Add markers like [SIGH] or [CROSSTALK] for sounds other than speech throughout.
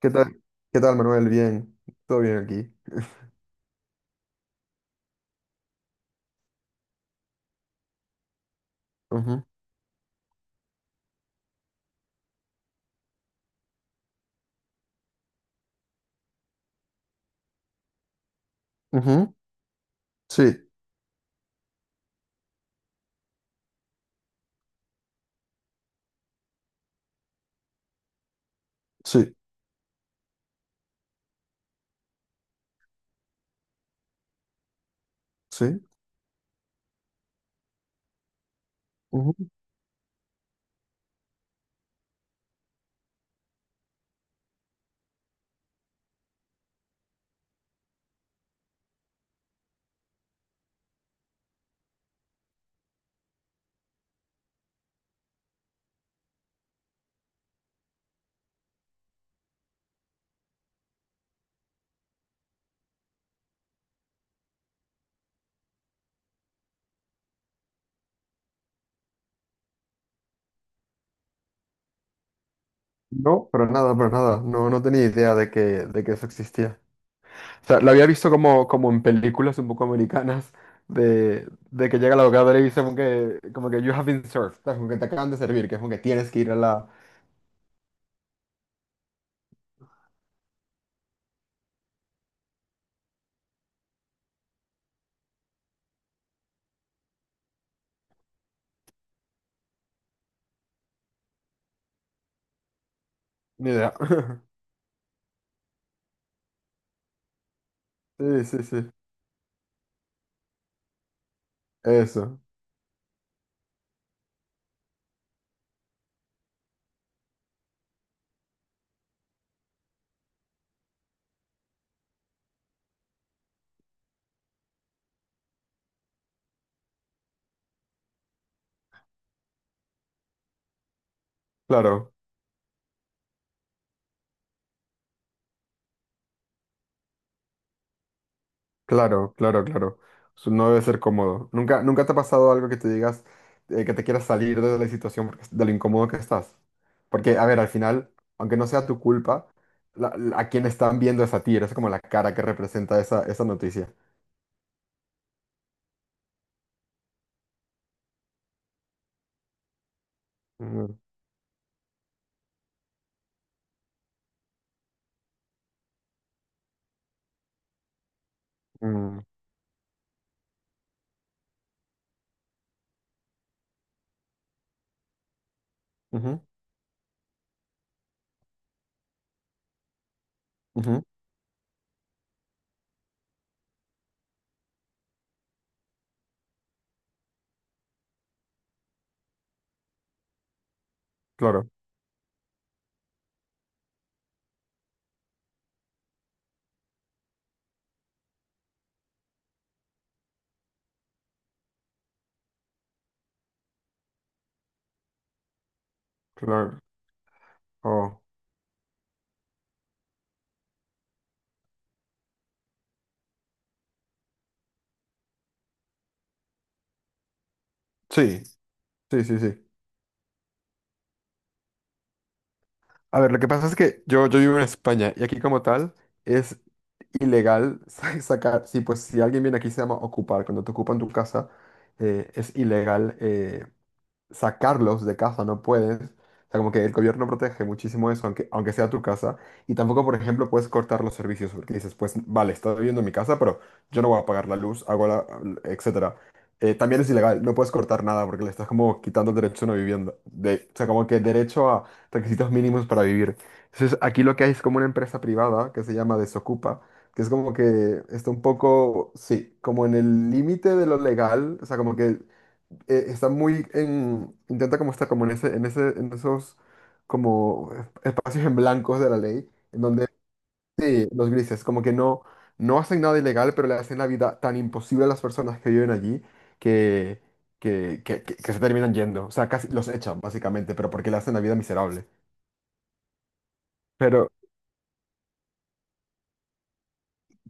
¿Qué tal? ¿Qué tal, Manuel? Bien, todo bien aquí. [LAUGHS] Ujú, ujú, sí, sí, sí, ujú. No, pero nada, pero nada. No, no tenía idea de que eso existía. O sea, lo había visto como, como en películas un poco americanas de que llega la abogada y le dice como que you have been served, ¿sabes? Como que te acaban de servir, que es como que tienes que ir a la... Ni idea. [LAUGHS] Sí, sí, sí. Eso, claro. Claro, claro, claro. Su- No debe ser cómodo. ¿Nunca, nunca te ha pasado algo que te digas que te quieras salir de la situación, porque- de lo incómodo que estás? Porque, a ver, al final, aunque no sea tu culpa, la- la- a quien están viendo es a ti, eres como la cara que representa esa, esa noticia. Mm, mm, ujú, ujú, claro, claro. Oh, sí, sí, sí, sí. A ver, lo que pasa es que yo vivo en España y aquí como tal es ilegal [LAUGHS] sa- sacar, sí, pues si alguien viene aquí se llama ocupar, cuando te ocupan tu casa es ilegal sacarlos de casa no puedes. O sea, como que el gobierno protege muchísimo eso, aunque, aunque sea tu casa. Y tampoco, por ejemplo, puedes cortar los servicios porque dices, pues vale, estoy viviendo en mi casa, pero yo no voy a pagar la luz, hago la, etcétera. También es ilegal, no puedes cortar nada porque le estás como quitando el derecho a una vivienda. De, o sea, como que derecho a requisitos mínimos para vivir. Entonces, aquí lo que hay es como una empresa privada que se llama Desocupa, que es como que está un poco, sí, como en el límite de lo legal, o sea, como que está muy en, intenta como estar como en ese, en esos como esp- espacios en blancos de la ley, en donde sí, los grises, como que no, no hacen nada ilegal, pero le hacen la vida tan imposible a las personas que viven allí que, que se terminan yendo. O sea, casi los echan, básicamente, pero porque le hacen la vida miserable. Pero,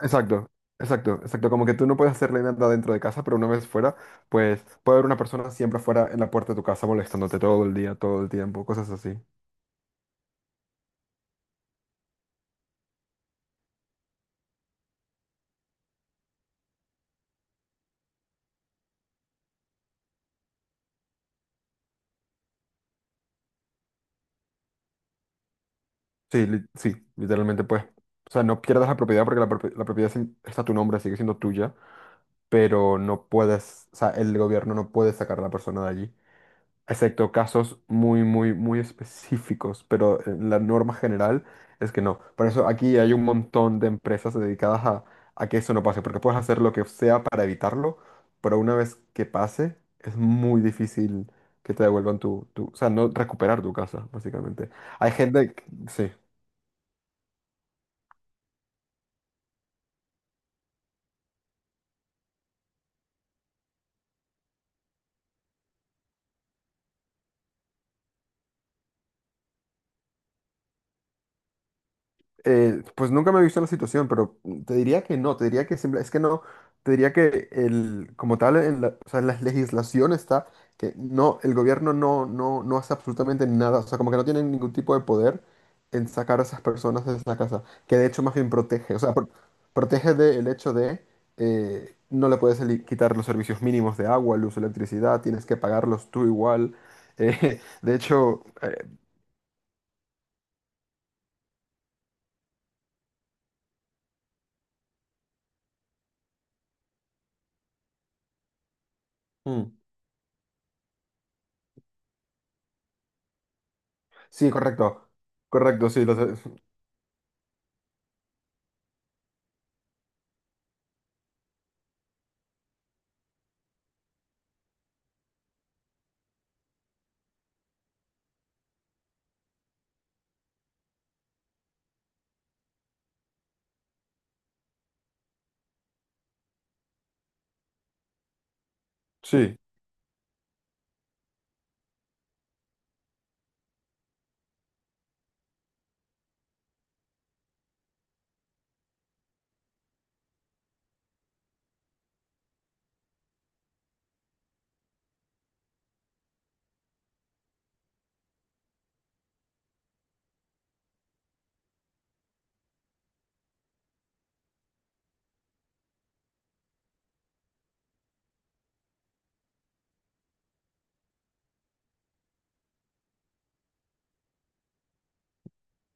exacto. Exacto, exacto, como que tú no puedes hacerle nada dentro de casa, pero una vez fuera, pues puede haber una persona siempre fuera en la puerta de tu casa molestándote todo el día, todo el tiempo, cosas así. Sí, li- sí, literalmente pues. O sea, no pierdas la propiedad porque la, propi- la propiedad sin- está a tu nombre, sigue siendo tuya, pero no puedes, o sea, el gobierno no puede sacar a la persona de allí, excepto casos muy, muy, muy específicos, pero la norma general es que no. Por eso aquí hay un montón de empresas dedicadas a que eso no pase, porque puedes hacer lo que sea para evitarlo, pero una vez que pase, es muy difícil que te devuelvan tu, tu, o sea, no recuperar tu casa, básicamente. Hay gente, que- sí. Pues nunca me he visto en la situación, pero te diría que no, te diría que simple- es que no, te diría que el, como tal, en la, o sea, en la legislación está que no, el gobierno no, no, no hace absolutamente nada, o sea, como que no tienen ningún tipo de poder en sacar a esas personas de esa casa, que de hecho más bien protege, o sea, pro- protege del hecho de no le puedes eli- quitar los servicios mínimos de agua, luz, electricidad, tienes que pagarlos tú igual. [LAUGHS] De hecho, mm, sí, correcto. Correcto, sí, lo sé. [LAUGHS] Sí,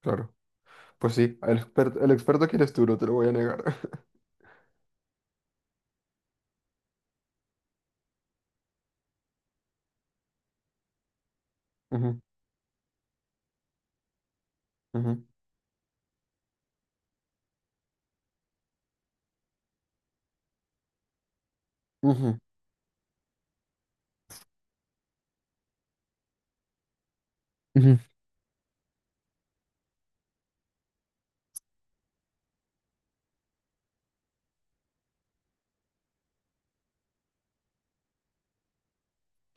claro. Pues sí, el experto que eres tú, no te lo voy a negar. [LAUGHS] Ujú, ujú, ujú, ujú.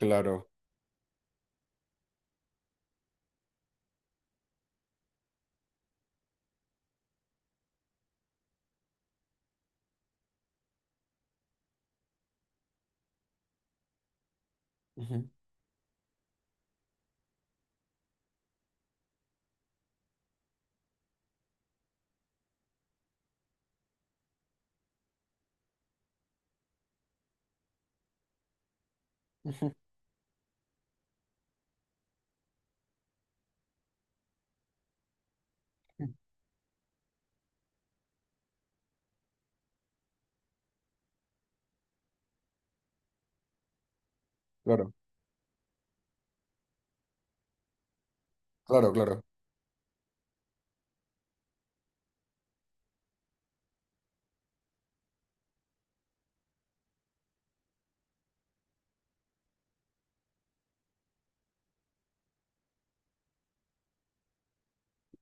Claro. Ujú, ujú, ujú. Claro, claro, claro.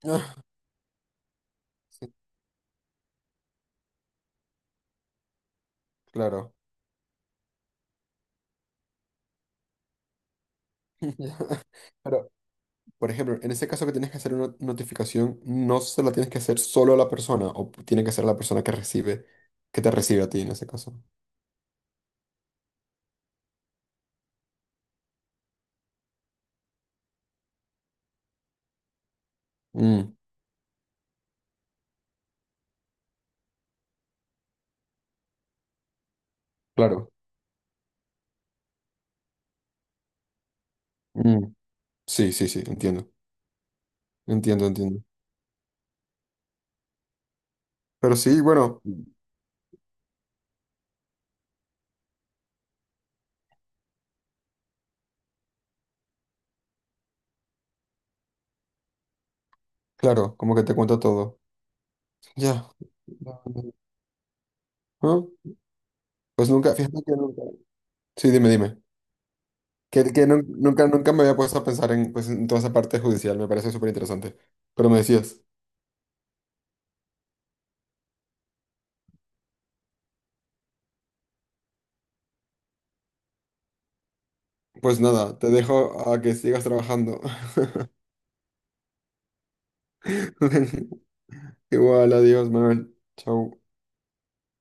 Ah, sí, claro. [LAUGHS] Pero, por ejemplo, en ese caso que tienes que hacer una notificación, no se la tienes que hacer solo a la persona, o tiene que ser la persona que recibe, que te recibe a ti en ese caso. Mm, claro. Mm, sí, sí, sí, entiendo. Entiendo, entiendo. Pero sí, bueno, claro, como que te cuenta todo. Ya. Ah, pues nunca, fíjate que nunca. Sí, dime, dime. Que nun- nunca, nunca me había puesto a pensar en, pues, en toda esa parte judicial, me parece súper interesante. Pero me decías, pues nada, te dejo a que sigas trabajando. [LAUGHS] Igual, adiós, Manuel. Chau.